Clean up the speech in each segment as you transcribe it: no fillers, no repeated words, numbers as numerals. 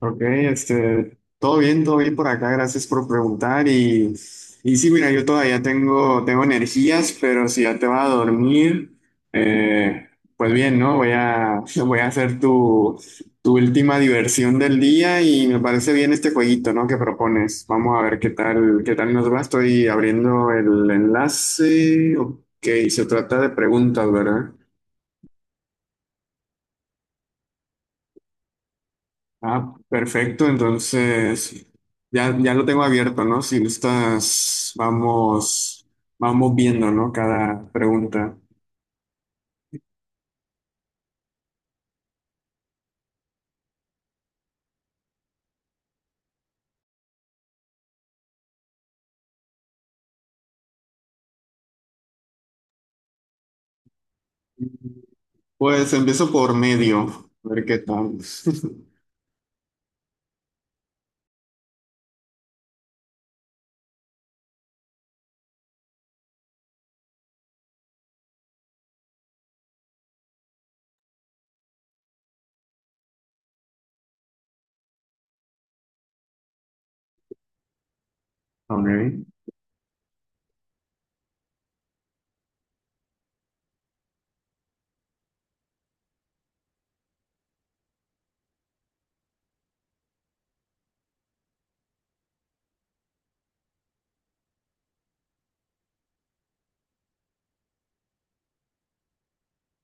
Ok, este, todo bien por acá, gracias por preguntar. Y sí, mira, yo todavía tengo energías, pero si ya te vas a dormir, eh, pues bien, ¿no? Voy a, voy a hacer tu, tu última diversión del día y me parece bien este jueguito, ¿no? Que propones. Vamos a ver qué tal nos va. Estoy abriendo el enlace. Ok, se trata de preguntas, ¿verdad? Ah, perfecto. Entonces, ya, ya lo tengo abierto, ¿no? Si gustas, vamos, vamos viendo, ¿no? Cada pregunta. Pues empiezo por medio, a ver qué tal. Ok.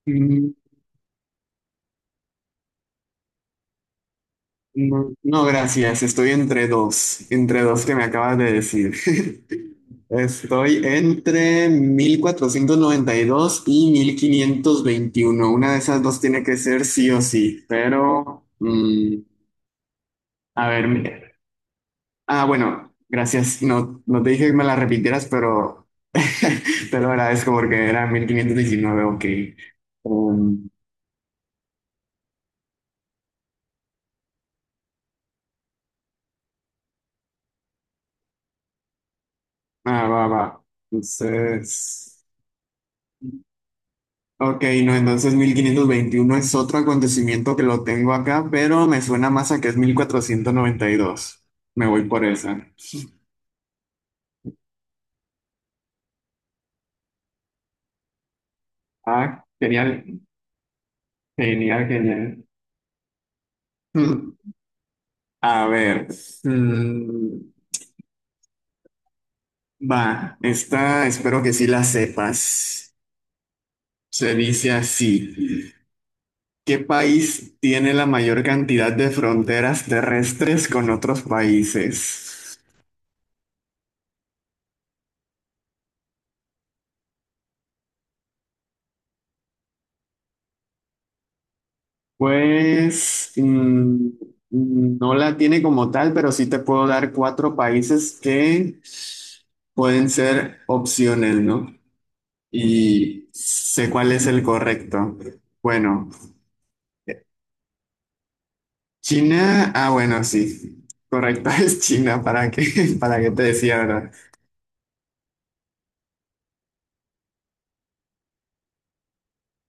Mm, No, no, gracias. Estoy entre dos que me acabas de decir. Estoy entre mil cuatrocientos noventa y dos y mil quinientos veintiuno. Una de esas dos tiene que ser sí o sí, pero... A ver, mira. Ah, bueno, gracias. No, no te dije que me la repitieras, pero te lo agradezco porque era 1519, ok. Um, ah, va, va. Entonces, ok, no, entonces 1521 es otro acontecimiento que lo tengo acá, pero me suena más a que es 1492. Me voy por esa. Ah, genial, genial, genial. A ver, mm, va, esta espero que sí la sepas. Se dice así. ¿Qué país tiene la mayor cantidad de fronteras terrestres con otros países? Pues no la tiene como tal, pero sí te puedo dar cuatro países que pueden ser opciones, ¿no? Y sé cuál es el correcto. Bueno, China, ah, bueno, sí. Correcto es China, ¿para qué? ¿Para qué te decía, verdad?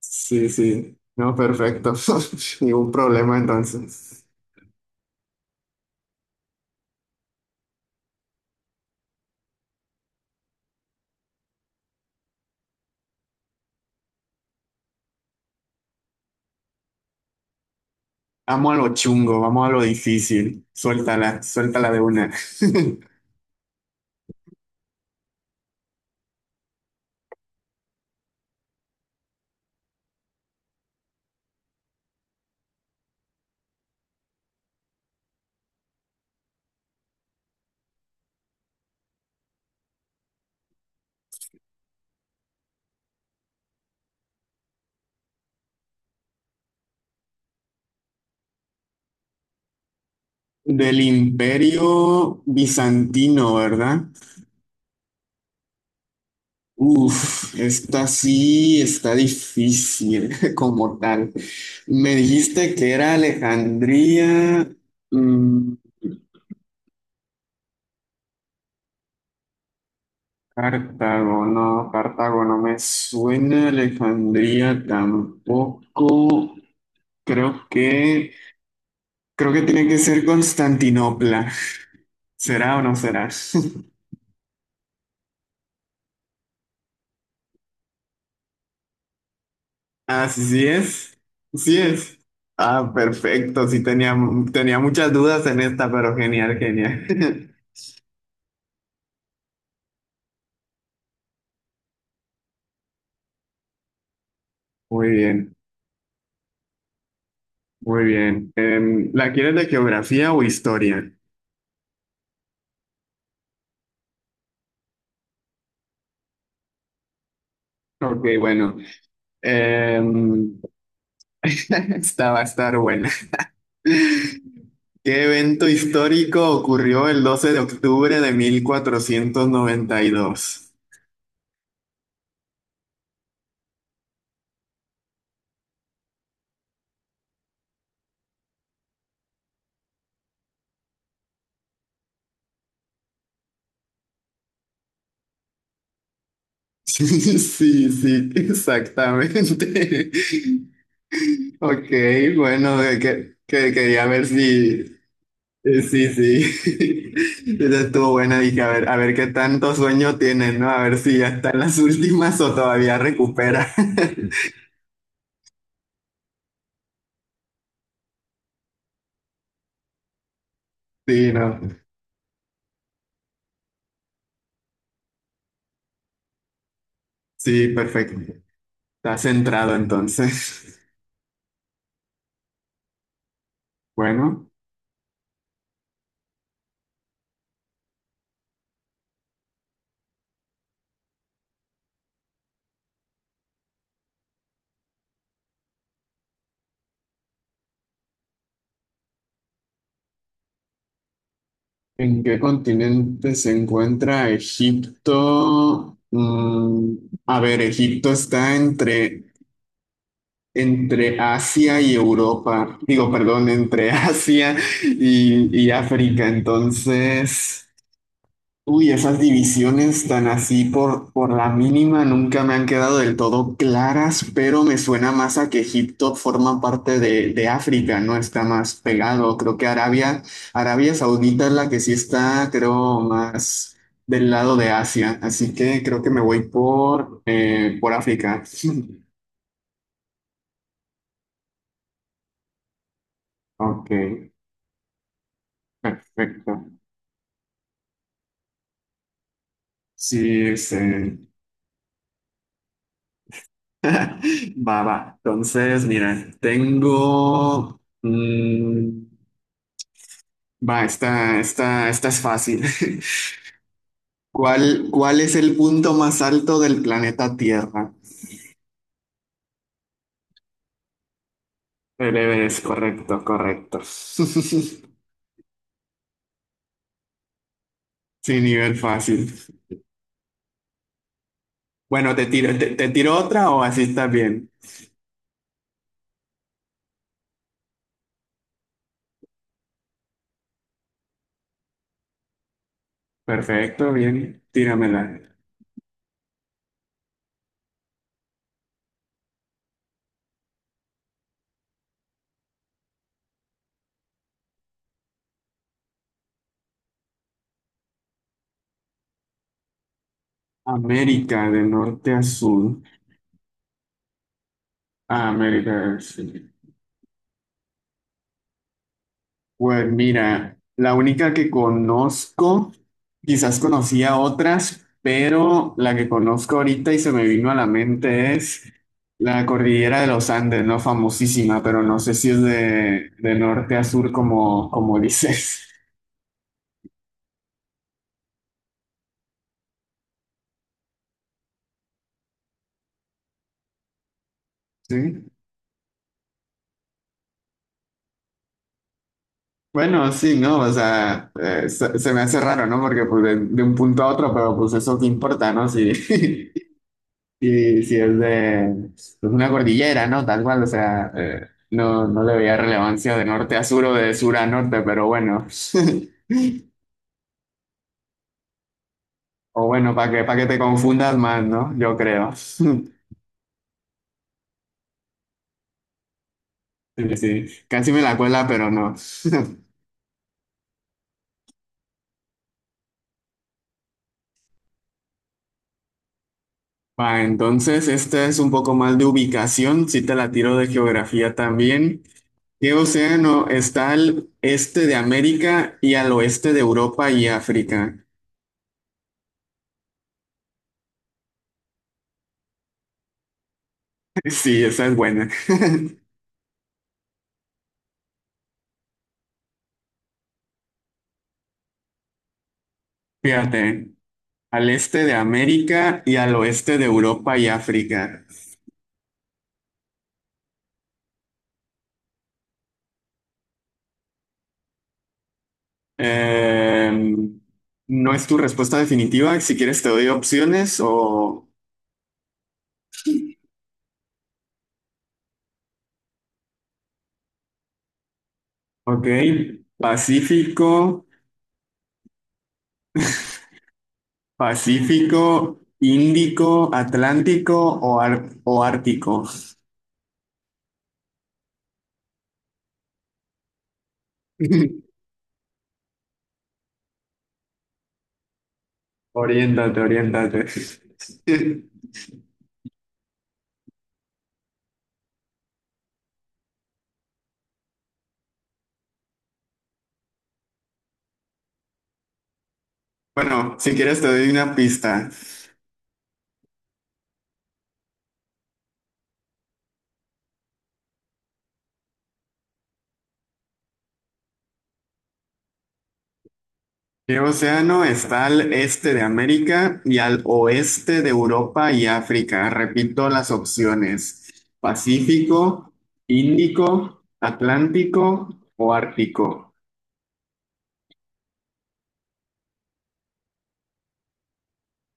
Sí, sí. No, perfecto. Ningún problema entonces. Vamos a lo chungo, vamos a lo difícil. Suéltala, suéltala de una. Del Imperio Bizantino, ¿verdad? Uf, esta sí está difícil como tal. Me dijiste que era Alejandría, mm, Cartago no me suena, Alejandría tampoco. Creo que Creo que tiene que ser Constantinopla. ¿Será o no será? Ah, sí, sí es. Sí es. Ah, perfecto. Sí tenía, tenía muchas dudas en esta, pero genial, genial. Muy bien, muy bien. ¿La quieres de geografía o historia? Ok, bueno. Em, esta va a estar buena. ¿Qué evento histórico ocurrió el 12 de octubre de 1492? Sí, sí, exactamente. Ok, bueno, que quería ver si, sí, sí, esa estuvo buena, dije, a ver qué tanto sueño tienes, ¿no? A ver si ya están las últimas o todavía recupera. Sí, no, sí, perfecto. Está centrado entonces. Bueno, ¿en qué continente se encuentra Egipto? A ver, Egipto está entre... Entre Asia y Europa, digo, perdón, entre Asia y África. Entonces, uy, esas divisiones tan así por la mínima nunca me han quedado del todo claras, pero me suena más a que Egipto forma parte de África, ¿no? Está más pegado. Creo que Arabia, Arabia Saudita es la que sí está, creo, más del lado de Asia. Así que creo que me voy por África. Ok, perfecto. Sí, este, va, va. Entonces, mira, tengo. Va, esta, esta, esta es fácil. ¿Cuál, cuál es el punto más alto del planeta Tierra? El Everest, correcto, correcto. Sí, nivel fácil. Bueno, te tiro, te tiro otra o así está bien. Perfecto, bien. Tíramela. América de norte a sur. Ah, América del Sur. Pues mira, la única que conozco, quizás conocía otras, pero la que conozco ahorita y se me vino a la mente es la cordillera de los Andes, ¿no? Famosísima, pero no sé si es de norte a sur como, como dices. Sí. Bueno, sí, ¿no? O sea, se, se me hace raro, ¿no? Porque pues de un punto a otro, pero pues eso qué importa, ¿no? Sí. Sí, sí, es de es una cordillera, ¿no? Tal cual, o sea, no, no le veía relevancia de norte a sur o de sur a norte, pero bueno. O bueno, para que te confundas más, ¿no? Yo creo. Sí, sí. Casi me la cuela, pero no. Va, entonces, esta es un poco más de ubicación, si te la tiro de geografía también. ¿Qué océano está al este de América y al oeste de Europa y África? Sí, esa es buena. Fíjate. Al este de América y al oeste de Europa y África. Eh, no es tu respuesta definitiva. Si quieres te doy opciones o... Ok. Pacífico, Pacífico, Índico, Atlántico o, ar- o Ártico. Oriéntate, oriéntate. Bueno, si quieres te doy una pista. ¿Qué océano está al este de América y al oeste de Europa y África? Repito las opciones. Pacífico, Índico, Atlántico o Ártico.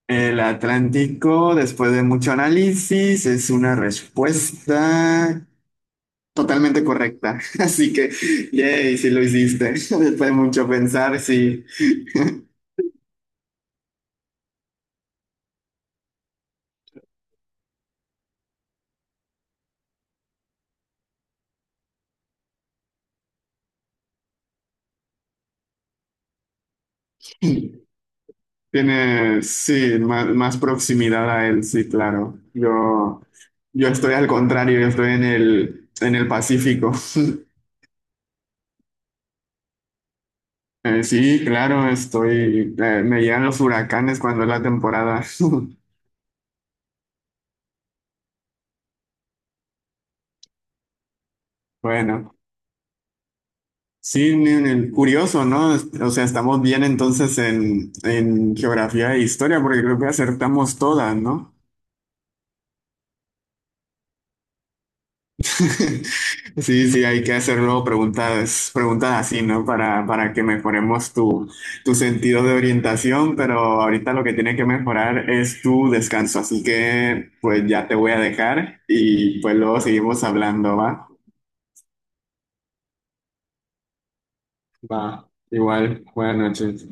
El Atlántico, después de mucho análisis, es una respuesta totalmente correcta. Así que, yay, si lo hiciste. Después de mucho pensar, sí. Tiene, sí, más, más proximidad a él, sí, claro. Yo estoy al contrario, yo estoy en el Pacífico. Sí, claro, estoy, me llegan los huracanes cuando es la temporada. Bueno, sí, ni- ni- curioso, ¿no? O sea, estamos bien entonces en geografía e historia, porque creo que acertamos todas, ¿no? Sí, sí, hay que hacerlo preguntas, preguntas así, ¿no? Para que mejoremos tu, tu sentido de orientación, pero ahorita lo que tiene que mejorar es tu descanso, así que pues ya te voy a dejar y pues luego seguimos hablando, ¿va? Va, igual, buenas noches.